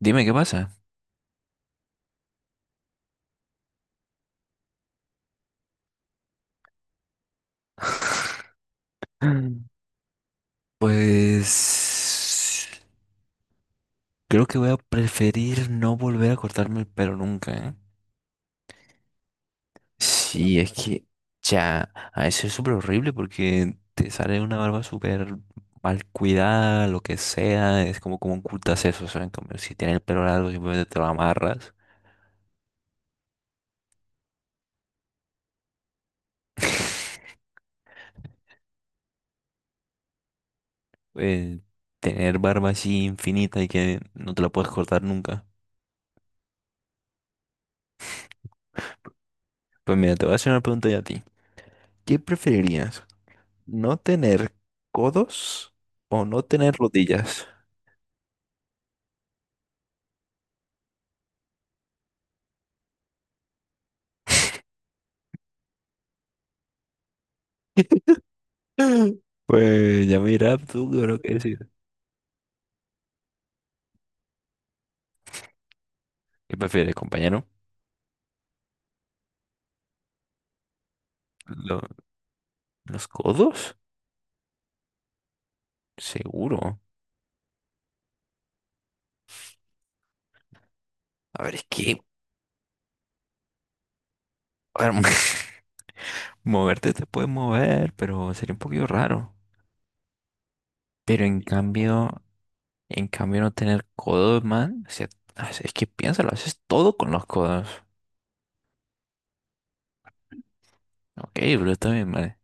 Dime qué pasa. Pues creo que voy a preferir no volver a cortarme el pelo nunca, ¿eh? Sí, es que ya, a veces es súper horrible porque te sale una barba súper mal cuidada, lo que sea, es como ocultas eso, o sea, en cambio, si tienes el pelo largo simplemente te lo amarras. Eh, Tener barba así infinita y que no te la puedes cortar nunca. Pues mira, te voy a hacer una pregunta ya a ti. ¿Qué preferirías? ¿No tener codos o no tener rodillas? Pues ya mira tú lo que decir. ¿Qué prefieres, compañero? ¿Lo- ¿Los codos? Seguro. A ver, es que a ver, moverte te puedes mover, pero sería un poquito raro. Pero en cambio no tener codos, man. O sea, es que piénsalo, haces todo con los codos. Ok, pero está bien, man.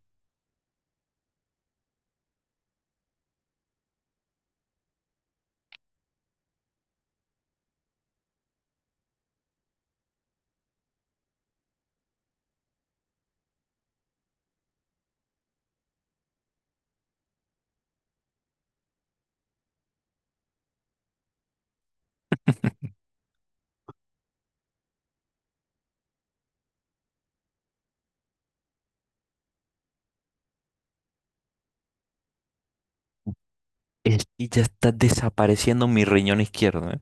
Es que ya está desapareciendo mi riñón izquierdo, ¿eh?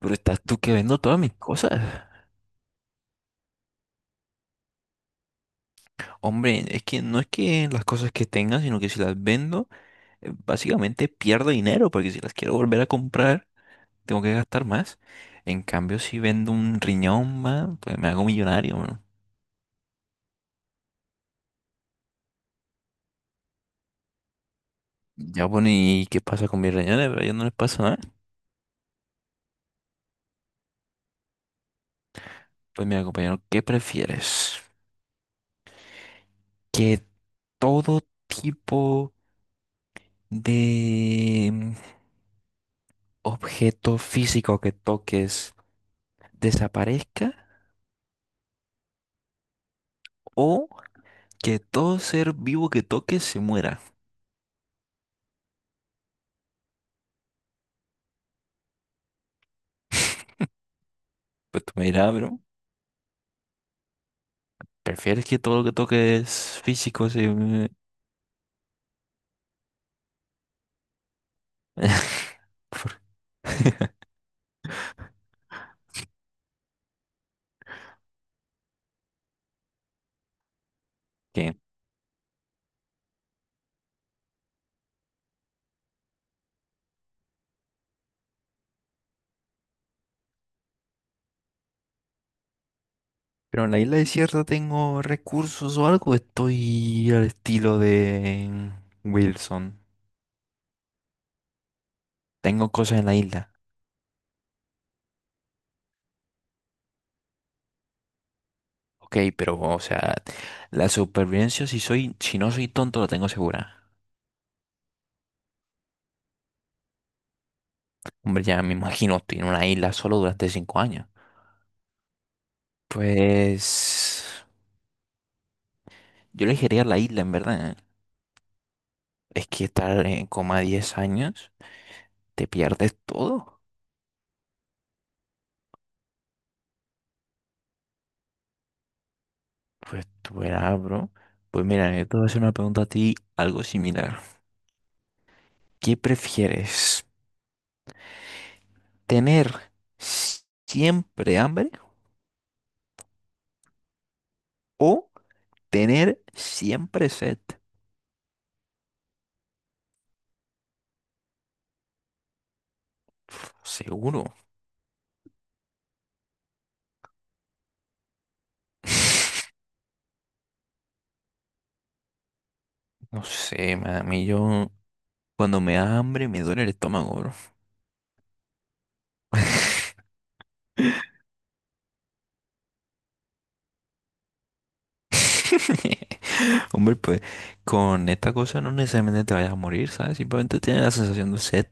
Pero estás tú que vendo todas mis cosas. Hombre, es que no es que las cosas que tenga, sino que si las vendo, básicamente pierdo dinero, porque si las quiero volver a comprar, tengo que gastar más. En cambio, si vendo un riñón más, pues me hago millonario, mano. Ya bueno, ¿y qué pasa con mis riñones? Pero a ellos no les pasa nada. Pues mira, compañero, ¿qué prefieres? Que todo tipo de objeto físico que toques desaparezca o que todo ser vivo que toques se muera. Pues tú me dirás: "Ah, bro, ¿prefieres que todo lo que toques físico se... mue-?" ¿Por qué? Pero en la isla desierta tengo recursos o algo. Estoy al estilo de Wilson. Tengo cosas en la isla. Ok, pero, o sea, la supervivencia, si no soy tonto, la tengo segura. Hombre, ya me imagino, estoy en una isla solo durante 5 años. Pues yo elegiría la isla, en verdad. Es que estar en coma 10 años, te pierdes todo. Pues tú verás, bro. Pues mira, yo te voy a hacer una pregunta a ti, algo similar. ¿Qué prefieres? ¿Tener s- siempre hambre o tener siempre sed? Seguro. No sé, man, a mí yo cuando me da hambre me duele el estómago, bro. Hombre, pues con esta cosa no necesariamente te vayas a morir, ¿sabes? Simplemente tienes la sensación de sed.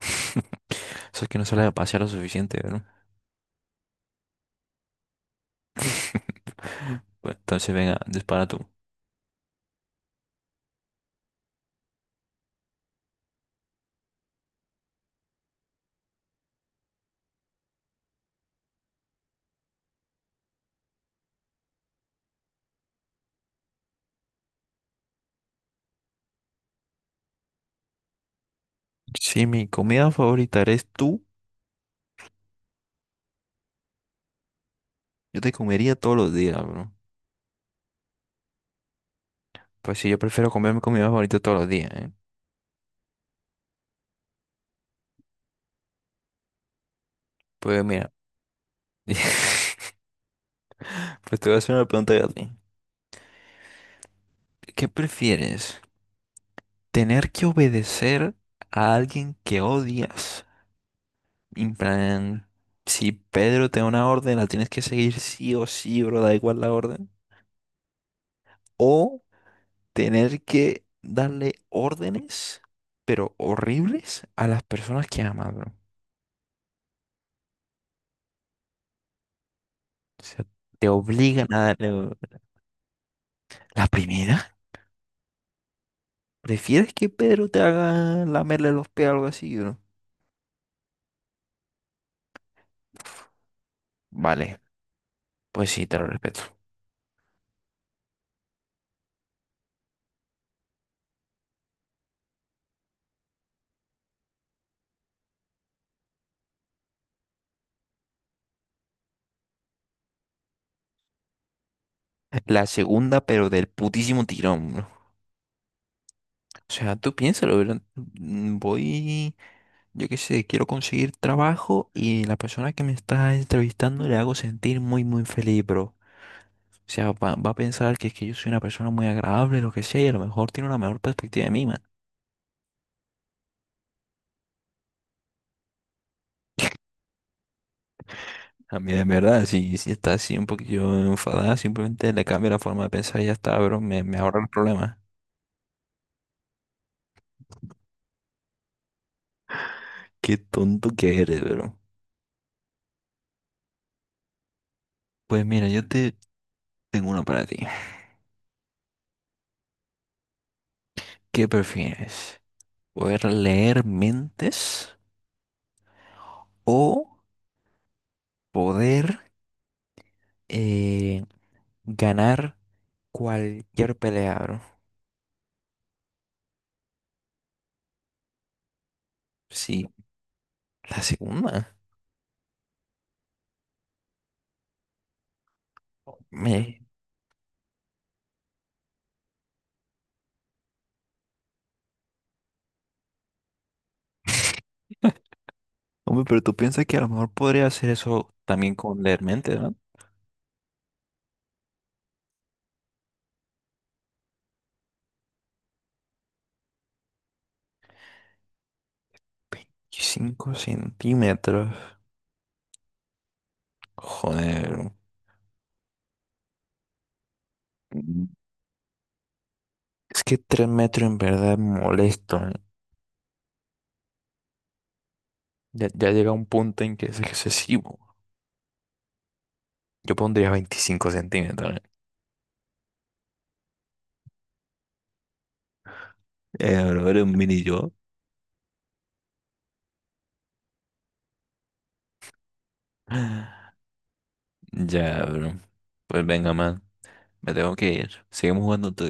Eso es que no sale a pasear lo suficiente, ¿no? Bueno, entonces venga, dispara tú. Si mi comida favorita eres tú, yo te comería todos los días, bro. Pues sí, yo prefiero comer mi comida favorita todos los días, ¿eh? Pues mira, pues te voy a hacer una pregunta yo a ti. ¿Qué prefieres? ¿Tener que obedecer a alguien que odias? En plan, si Pedro te da una orden, la tienes que seguir sí o sí, bro, da igual la orden. O tener que darle órdenes, pero horribles, a las personas que amas, bro. O sea, te obligan a darle... or- La primera, ¿prefieres que Pedro te haga lamerle los pies o algo así, bro? Vale, pues sí, te lo respeto. La segunda, pero del putísimo tirón, bro. O sea, tú piénsalo, bro. Voy, yo qué sé, quiero conseguir trabajo y la persona que me está entrevistando le hago sentir muy, muy feliz, bro. O sea, va a pensar que es que yo soy una persona muy agradable, lo que sea, y a lo mejor tiene una mejor perspectiva de mí, man. A mí, de verdad, si está así un poquillo enfadada, simplemente le cambio la forma de pensar y ya está, bro. Me ahorra el problema. Qué tonto que eres, bro. Pues mira, yo te tengo una para ti. ¿Qué prefieres? ¿Poder leer mentes o poder eh, ganar cualquier pelea, bro? Sí, la segunda. Me... Hombre, pero tú piensas que a lo mejor podría hacer eso también con leer mente, ¿no? ¿5 centímetros? Joder. Mm. Es que 3 metros en verdad es molesto, ¿eh? Ya, ya llega un punto en que es excesivo. Yo pondría 25 cm, ¿eh? Bro, eres un mini yo. Ya, bro. Pues venga, man. Me tengo que ir. Seguimos jugando tú.